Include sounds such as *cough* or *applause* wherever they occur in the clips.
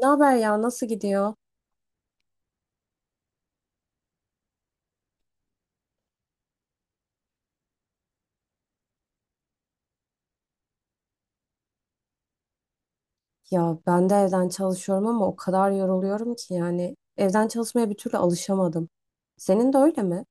Ne haber ya? Nasıl gidiyor? Ya ben de evden çalışıyorum ama o kadar yoruluyorum ki yani evden çalışmaya bir türlü alışamadım. Senin de öyle mi?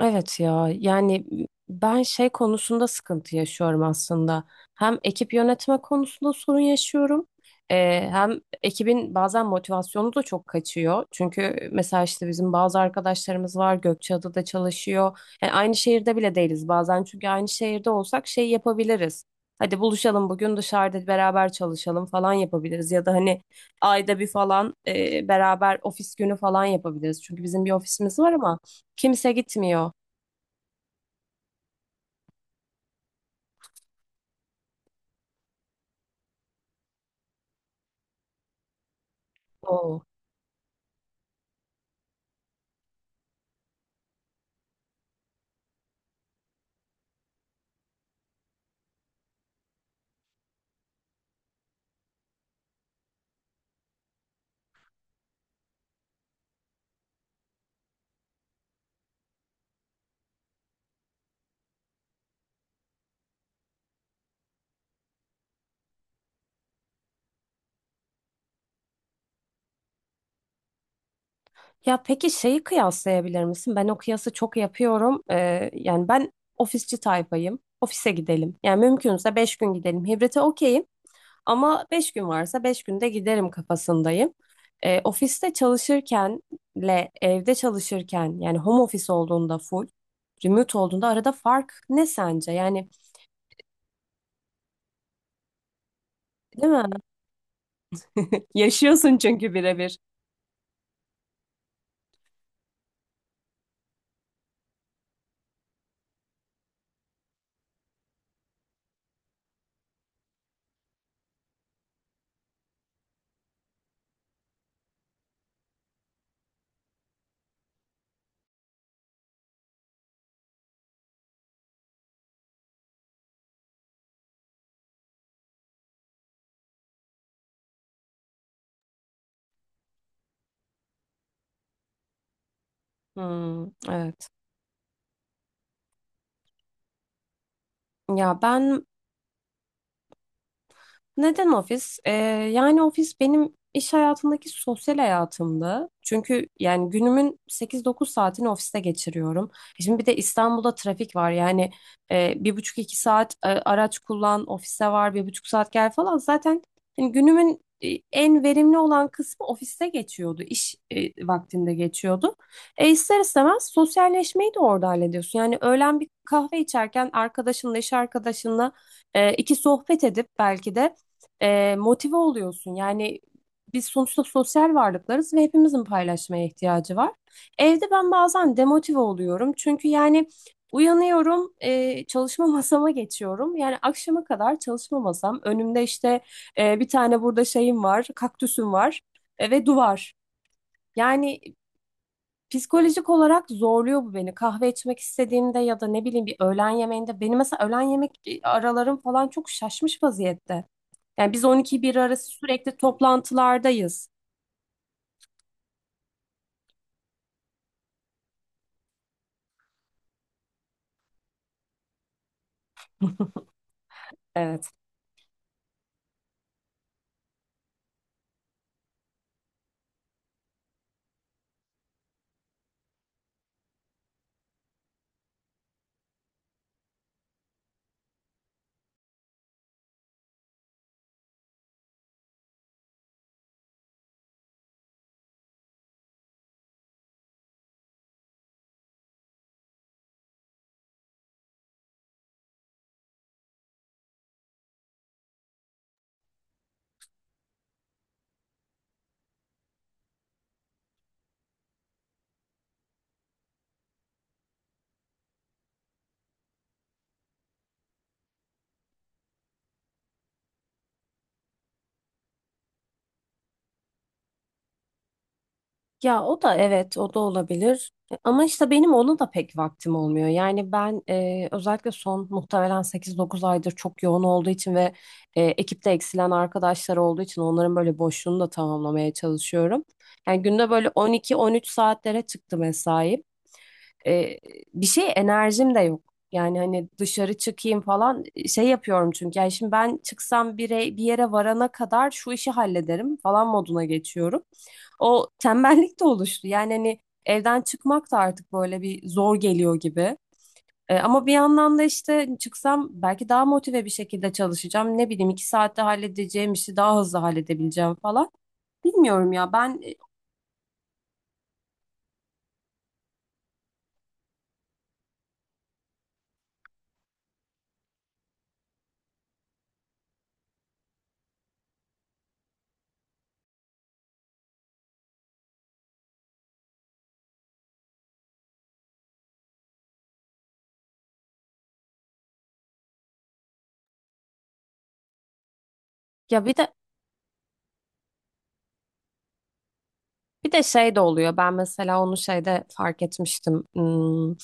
Evet ya yani ben şey konusunda sıkıntı yaşıyorum aslında. Hem ekip yönetme konusunda sorun yaşıyorum. Hem ekibin bazen motivasyonu da çok kaçıyor. Çünkü mesela işte bizim bazı arkadaşlarımız var Gökçeada'da çalışıyor. Yani aynı şehirde bile değiliz bazen çünkü aynı şehirde olsak şey yapabiliriz. Hadi buluşalım bugün dışarıda beraber çalışalım falan yapabiliriz. Ya da hani ayda bir falan beraber ofis günü falan yapabiliriz. Çünkü bizim bir ofisimiz var ama kimse gitmiyor. Oo. Ya peki şeyi kıyaslayabilir misin? Ben o kıyası çok yapıyorum. Yani ben ofisçi tayfayım. Ofise gidelim. Yani mümkünse 5 gün gidelim. Hibrite okeyim ama 5 gün varsa 5 günde giderim kafasındayım. Ofiste çalışırkenle evde çalışırken yani home office olduğunda full, remote olduğunda arada fark ne sence? Yani, değil mi? Yaşıyorsun çünkü birebir. Hmm, evet. Ya ben, neden ofis? Yani ofis benim iş hayatındaki sosyal hayatımdı. Çünkü yani günümün 8-9 saatini ofiste geçiriyorum. Şimdi bir de İstanbul'da trafik var. Yani 1,5-2 saat araç kullan, ofise var, 1,5 saat gel falan. Zaten hani günümün en verimli olan kısmı ofiste geçiyordu. İş vaktinde geçiyordu. İster istemez sosyalleşmeyi de orada hallediyorsun. Yani öğlen bir kahve içerken arkadaşınla, iş arkadaşınla iki sohbet edip belki de motive oluyorsun. Yani biz sonuçta sosyal varlıklarız ve hepimizin paylaşmaya ihtiyacı var. Evde ben bazen demotive oluyorum. Çünkü yani uyanıyorum, çalışma *laughs* masama geçiyorum. Yani akşama kadar çalışma masam. Önümde işte bir tane burada şeyim var, kaktüsüm var ve duvar. Yani psikolojik olarak zorluyor bu beni. Kahve içmek istediğimde ya da ne bileyim bir öğlen yemeğinde. Benim mesela öğlen yemek aralarım falan çok şaşmış vaziyette. Yani biz 12-1 arası sürekli toplantılardayız. Evet. Ya o da, evet, o da olabilir. Ama işte benim ona da pek vaktim olmuyor. Yani ben özellikle son muhtemelen 8-9 aydır çok yoğun olduğu için ve ekipte eksilen arkadaşlar olduğu için onların böyle boşluğunu da tamamlamaya çalışıyorum. Yani günde böyle 12-13 saatlere çıktı mesai. E, Bir şey, enerjim de yok. Yani hani dışarı çıkayım falan şey yapıyorum çünkü. Yani şimdi ben çıksam bir yere varana kadar şu işi hallederim falan moduna geçiyorum. O tembellik de oluştu. Yani hani evden çıkmak da artık böyle bir zor geliyor gibi. Ama bir yandan da işte çıksam belki daha motive bir şekilde çalışacağım. Ne bileyim 2 saatte halledeceğim işi daha hızlı halledebileceğim falan. Bilmiyorum ya ben, ya bir de bir de şey de oluyor. Ben mesela onu şeyde fark etmiştim. Hmm,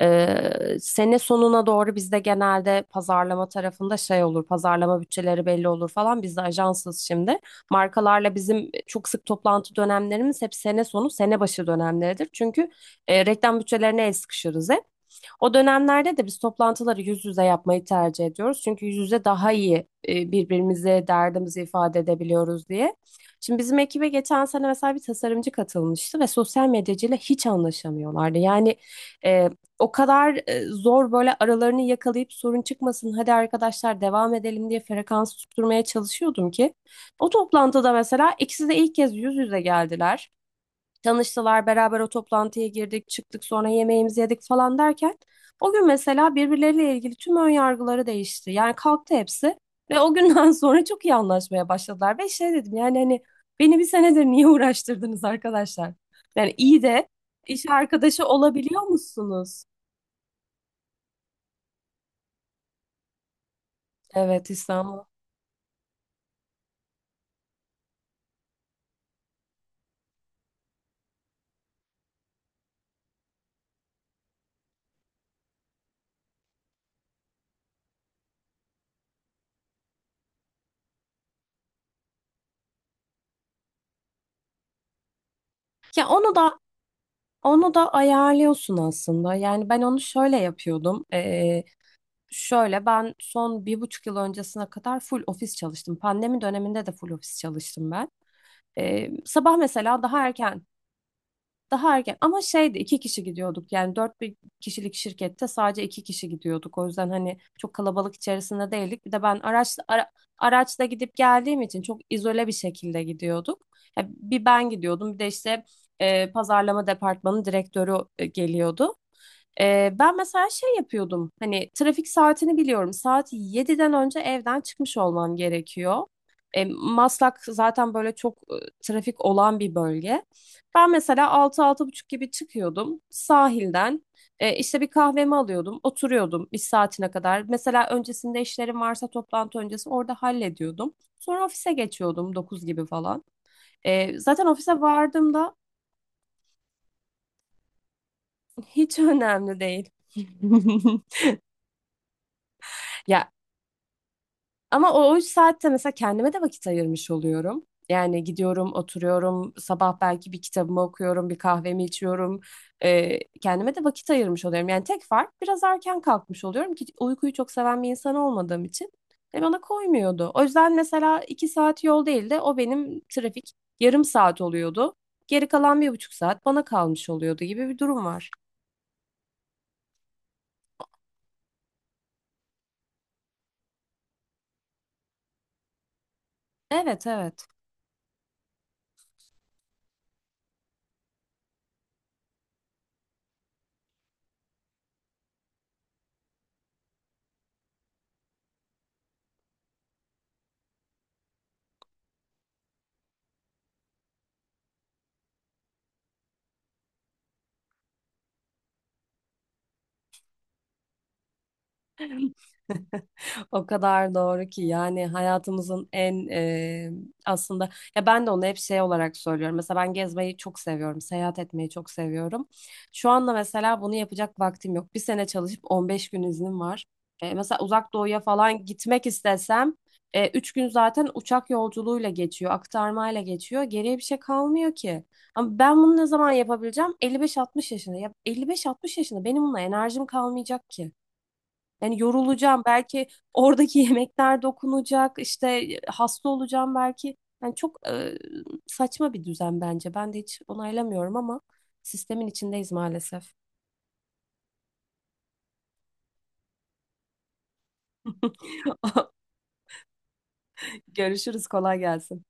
e, Sene sonuna doğru bizde genelde pazarlama tarafında şey olur. Pazarlama bütçeleri belli olur falan. Biz de ajansız şimdi. Markalarla bizim çok sık toplantı dönemlerimiz hep sene sonu, sene başı dönemleridir. Çünkü reklam bütçelerine el sıkışırız hep. O dönemlerde de biz toplantıları yüz yüze yapmayı tercih ediyoruz. Çünkü yüz yüze daha iyi birbirimize derdimizi ifade edebiliyoruz diye. Şimdi bizim ekibe geçen sene mesela bir tasarımcı katılmıştı ve sosyal medyacıyla hiç anlaşamıyorlardı. Yani e, o kadar zor, böyle aralarını yakalayıp sorun çıkmasın, hadi arkadaşlar devam edelim diye frekans tutturmaya çalışıyordum ki. O toplantıda mesela ikisi de ilk kez yüz yüze geldiler. Tanıştılar, beraber o toplantıya girdik, çıktık, sonra yemeğimizi yedik falan derken o gün mesela birbirleriyle ilgili tüm ön yargıları değişti. Yani kalktı hepsi ve o günden *laughs* sonra çok iyi anlaşmaya başladılar. Ve şey dedim yani, hani beni bir senedir niye uğraştırdınız arkadaşlar? Yani iyi de iş arkadaşı olabiliyor musunuz? Evet, İstanbul. Ya onu da ayarlıyorsun aslında. Yani ben onu şöyle yapıyordum. Şöyle, ben son 1,5 yıl öncesine kadar full ofis çalıştım. Pandemi döneminde de full ofis çalıştım ben. Sabah mesela daha erken, daha erken, ama şeydi, 2 kişi gidiyorduk yani dört bir kişilik şirkette sadece 2 kişi gidiyorduk, o yüzden hani çok kalabalık içerisinde değildik, bir de ben araçla gidip geldiğim için çok izole bir şekilde gidiyorduk. Ya bir ben gidiyordum, bir de işte pazarlama departmanı direktörü geliyordu. Ben mesela şey yapıyordum, hani trafik saatini biliyorum, saat 7'den önce evden çıkmış olmam gerekiyor. Maslak zaten böyle çok trafik olan bir bölge. Ben mesela altı altı buçuk gibi çıkıyordum sahilden. İşte bir kahvemi alıyordum, oturuyordum bir saatine kadar. Mesela öncesinde işlerim varsa toplantı öncesi orada hallediyordum. Sonra ofise geçiyordum 9 gibi falan. Zaten ofise vardığımda hiç önemli değil. *laughs* Ya, ama o 3 saatte mesela kendime de vakit ayırmış oluyorum. Yani gidiyorum, oturuyorum, sabah belki bir kitabımı okuyorum, bir kahvemi içiyorum. Kendime de vakit ayırmış oluyorum. Yani tek fark biraz erken kalkmış oluyorum ki uykuyu çok seven bir insan olmadığım için bana koymuyordu. O yüzden mesela 2 saat yol değil de o benim trafik yarım saat oluyordu. Geri kalan 1,5 saat bana kalmış oluyordu gibi bir durum var. Evet, evet. *laughs* O kadar doğru ki, yani hayatımızın en aslında, ya ben de onu hep şey olarak söylüyorum. Mesela ben gezmeyi çok seviyorum, seyahat etmeyi çok seviyorum. Şu anda mesela bunu yapacak vaktim yok. Bir sene çalışıp 15 gün iznim var. Mesela Uzak Doğu'ya falan gitmek istesem 3 gün zaten uçak yolculuğuyla geçiyor, aktarmayla geçiyor. Geriye bir şey kalmıyor ki. Ama ben bunu ne zaman yapabileceğim? 55-60 yaşında. Ya 55-60 yaşında benim buna enerjim kalmayacak ki. Yani yorulacağım belki, oradaki *laughs* yemekler dokunacak, işte hasta olacağım belki. Yani çok saçma bir düzen bence. Ben de hiç onaylamıyorum ama sistemin içindeyiz maalesef. *laughs* Görüşürüz, kolay gelsin.